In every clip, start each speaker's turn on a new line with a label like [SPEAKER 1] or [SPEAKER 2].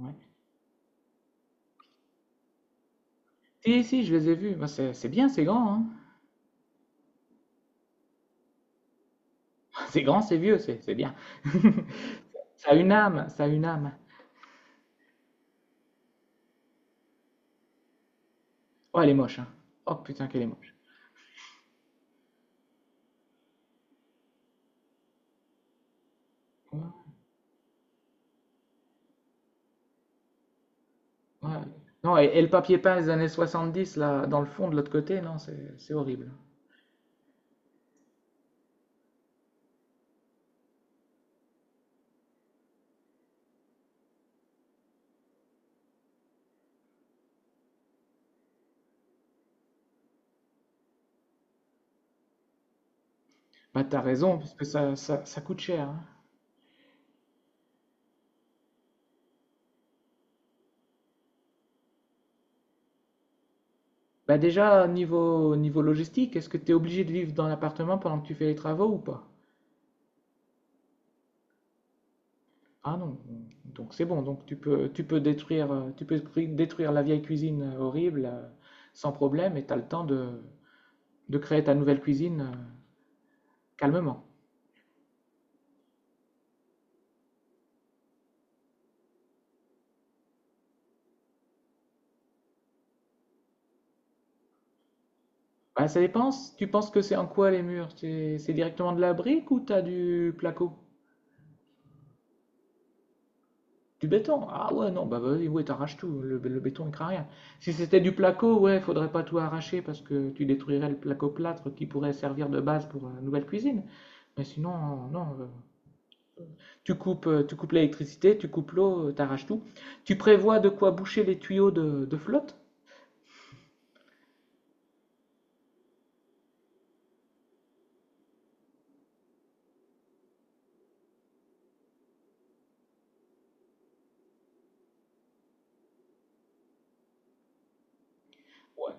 [SPEAKER 1] Ouais. Si, si, je les ai vus. Bah, c'est bien, c'est grand, hein. C'est grand, c'est vieux, c'est bien. Ça a une âme, ça a une âme. Oh, elle est moche, hein. Oh putain, qu'elle est moche. Ouais, ouais. Non, et le papier peint des années 70 là, dans le fond, de l'autre côté, non, c'est horrible. Bah, t'as raison, parce que ça coûte cher, hein. Bah, déjà, niveau logistique, est-ce que t'es obligé de vivre dans l'appartement pendant que tu fais les travaux ou pas? Ah non, donc c'est bon, donc tu peux détruire, tu peux cru- détruire la vieille cuisine horrible sans problème et tu as le temps de créer ta nouvelle cuisine calmement. Bah, ça dépend, si tu penses que c'est en quoi les murs? C'est directement de la brique ou t'as du placo? Du béton? Ah ouais, non, bah vas-y, ouais, t'arraches tout, le béton il craint rien. Si c'était du placo, ouais, faudrait pas tout arracher parce que tu détruirais le placo-plâtre qui pourrait servir de base pour la nouvelle cuisine. Mais sinon, non, tu coupes l'électricité, tu coupes l'eau, t'arraches tout. Tu prévois de quoi boucher les tuyaux de flotte? Ouais.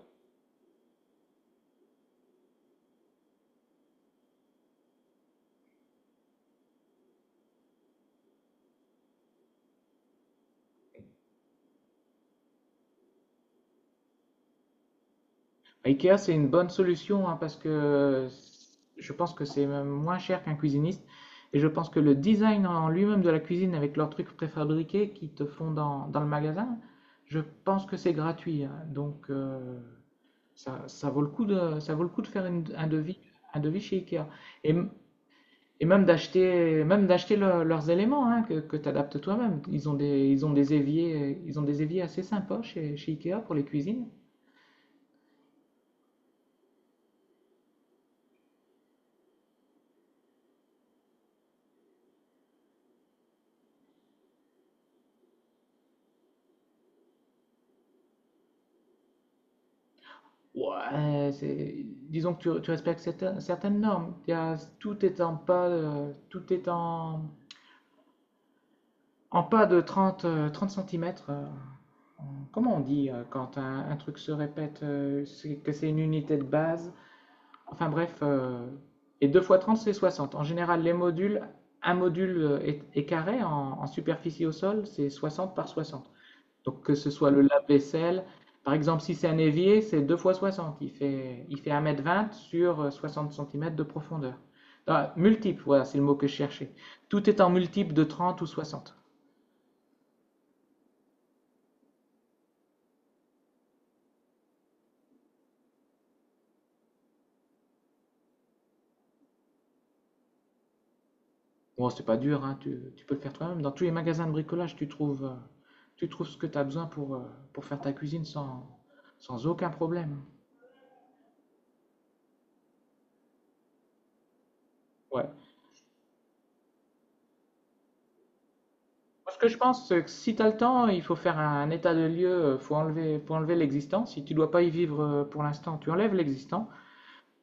[SPEAKER 1] IKEA, c'est une bonne solution, hein, parce que je pense que c'est même moins cher qu'un cuisiniste. Et je pense que le design en lui-même de la cuisine avec leurs trucs préfabriqués qu'ils te font dans le magasin, je pense que c'est gratuit, hein. Donc, ça vaut le coup de faire un devis chez IKEA. Et Et même d'acheter leurs éléments, hein, que tu adaptes toi-même. Ils ont des éviers assez sympas chez Ikea pour les cuisines. Ouais, disons que tu respectes certaines normes. Il y a- tout est en pas, Tout est en pas de 30, 30 cm. Comment on dit quand un truc se répète, que c'est une unité de base? Enfin bref, et 2 fois 30 c'est 60. En général, les modules, un module est carré en superficie au sol, c'est 60 par 60. Donc, que ce soit le lave-vaisselle, par exemple, si c'est un évier, c'est 2 fois 60. Il fait 1,20 m sur 60 cm de profondeur. Ah, multiple, voilà, c'est le mot que je cherchais. Tout est en multiple de 30 ou 60. Bon, c'est pas dur, hein, tu peux le faire toi-même. Dans tous les magasins de bricolage, tu trouves ce que tu as besoin, pour faire ta cuisine sans aucun problème. Ouais. Moi, ce que je pense, c'est que si tu as le temps, il faut faire un état de lieu, faut enlever l'existant. Si tu dois pas y vivre, pour l'instant, tu enlèves l'existant.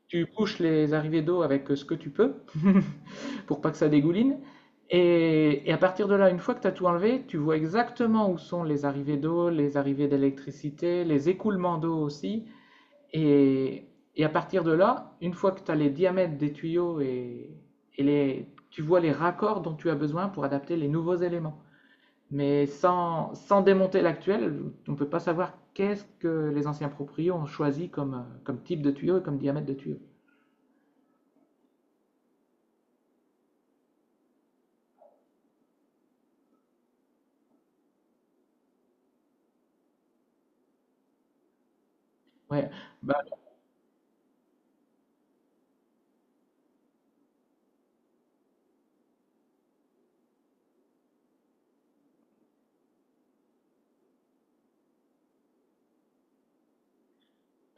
[SPEAKER 1] Tu bouches les arrivées d'eau avec ce que tu peux pour pas que ça dégouline. Et à partir de là, une fois que tu as tout enlevé, tu vois exactement où sont les arrivées d'eau, les arrivées d'électricité, les écoulements d'eau aussi. Et, et à partir de là, une fois que tu as les diamètres des tuyaux et tu vois les raccords dont tu as besoin pour adapter les nouveaux éléments. Mais sans démonter l'actuel, on ne peut pas savoir qu'est-ce que les anciens proprios ont choisi comme type de tuyau et comme diamètre de tuyau. Ouais. Bah,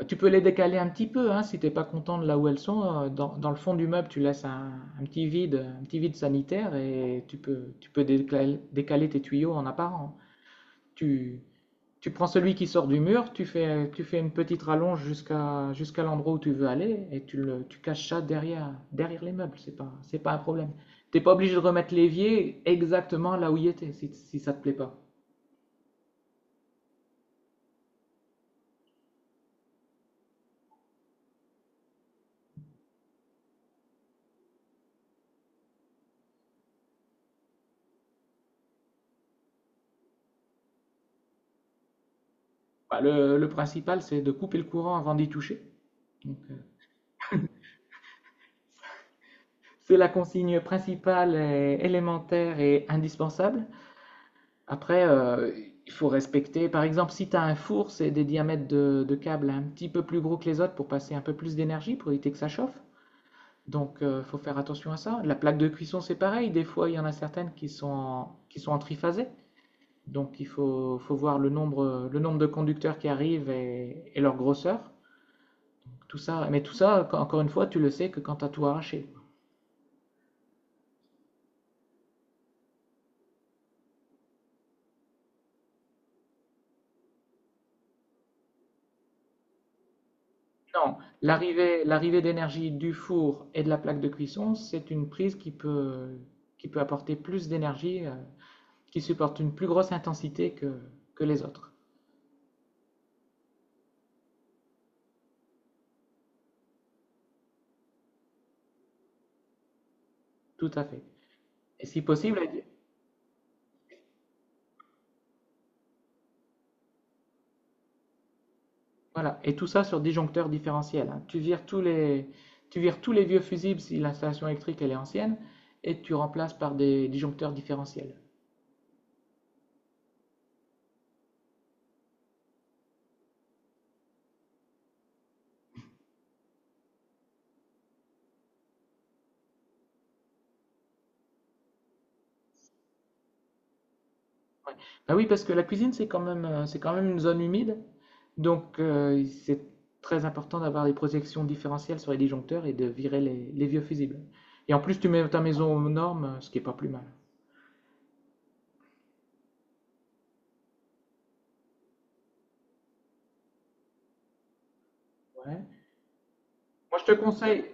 [SPEAKER 1] tu peux les décaler un petit peu, hein, si t'es pas content de là où elles sont. Dans le fond du meuble, tu laisses un petit vide, un petit vide sanitaire, et tu peux décaler tes tuyaux en apparent. Tu, Tu prends celui qui sort du mur, tu fais une petite rallonge jusqu'à l'endroit où tu veux aller, et tu caches ça derrière les meubles. C'est pas un problème. T'es pas obligé de remettre l'évier exactement là où il était si ça ne te plaît pas. Bah, le principal, c'est de couper le courant avant d'y toucher. euh, c'est la consigne principale, et élémentaire et indispensable. Après, il faut respecter. Par exemple, si tu as un four, c'est des diamètres de câbles un petit peu plus gros que les autres pour passer un peu plus d'énergie, pour éviter que ça chauffe. Donc, il faut faire attention à ça. La plaque de cuisson, c'est pareil. Des fois, il y en a certaines qui sont en triphasé. Donc, il faut voir le nombre de conducteurs qui arrivent, et leur grosseur. Tout ça, mais tout ça, encore une fois, tu le sais que quand tu as tout arraché. Non, l'arrivée d'énergie du four et de la plaque de cuisson, c'est une prise qui peut apporter plus d'énergie, qui supporte une plus grosse intensité que les autres. Tout à fait. Et si possible, voilà, et tout ça sur disjoncteur différentiel, hein. Tu vires tous les vieux fusibles si l'installation électrique elle est ancienne, et tu remplaces par des disjoncteurs différentiels. Ouais. Bah oui, parce que la cuisine c'est quand même, une zone humide, donc c'est très important d'avoir des projections différentielles sur les disjoncteurs et de virer les vieux fusibles. Et en plus, tu mets ta maison aux normes, ce qui est pas plus mal. Ouais. Moi, je te conseille,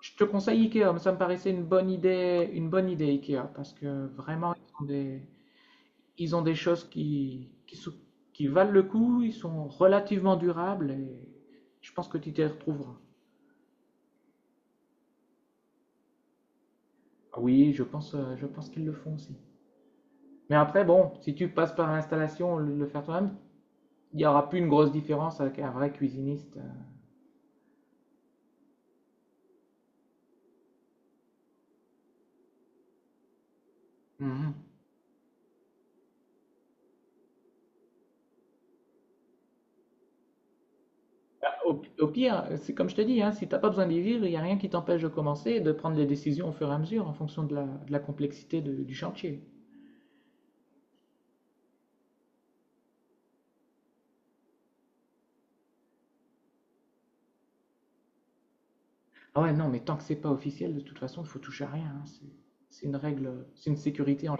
[SPEAKER 1] je te conseille Ikea, ça me paraissait une bonne idée, Ikea, parce que vraiment ils ont des choses qui valent le coup, ils sont relativement durables, et je pense que tu t'y retrouveras. Ah oui, je pense, qu'ils le font aussi. Mais après, bon, si tu passes par l'installation, le faire toi-même, il n'y aura plus une grosse différence avec un vrai cuisiniste. Mhm. Au pire, c'est comme je te dis, hein, si tu n'as pas besoin d'y vivre, il n'y a rien qui t'empêche de commencer et de prendre les décisions au fur et à mesure en fonction de la complexité du chantier. Ah ouais, non, mais tant que c'est pas officiel, de toute façon, il faut toucher à rien, hein. C'est une règle, c'est une sécurité en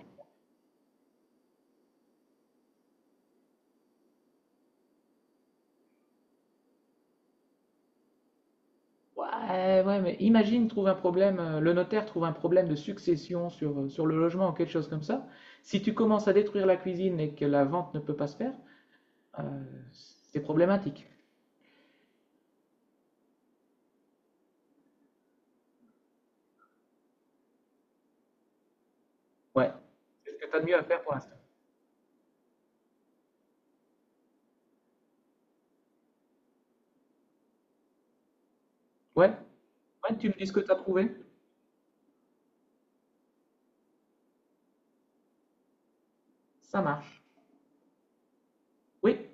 [SPEAKER 1] Ouais, ouais, mais imagine, trouve un problème, le notaire trouve un problème de succession sur, sur le logement ou quelque chose comme ça. Si tu commences à détruire la cuisine et que la vente ne peut pas se faire, euh, c'est problématique. Ouais. C'est ce que tu as de mieux à faire pour l'instant. Ouais. Ouais, tu me dis ce que tu as trouvé? Ça marche. Oui.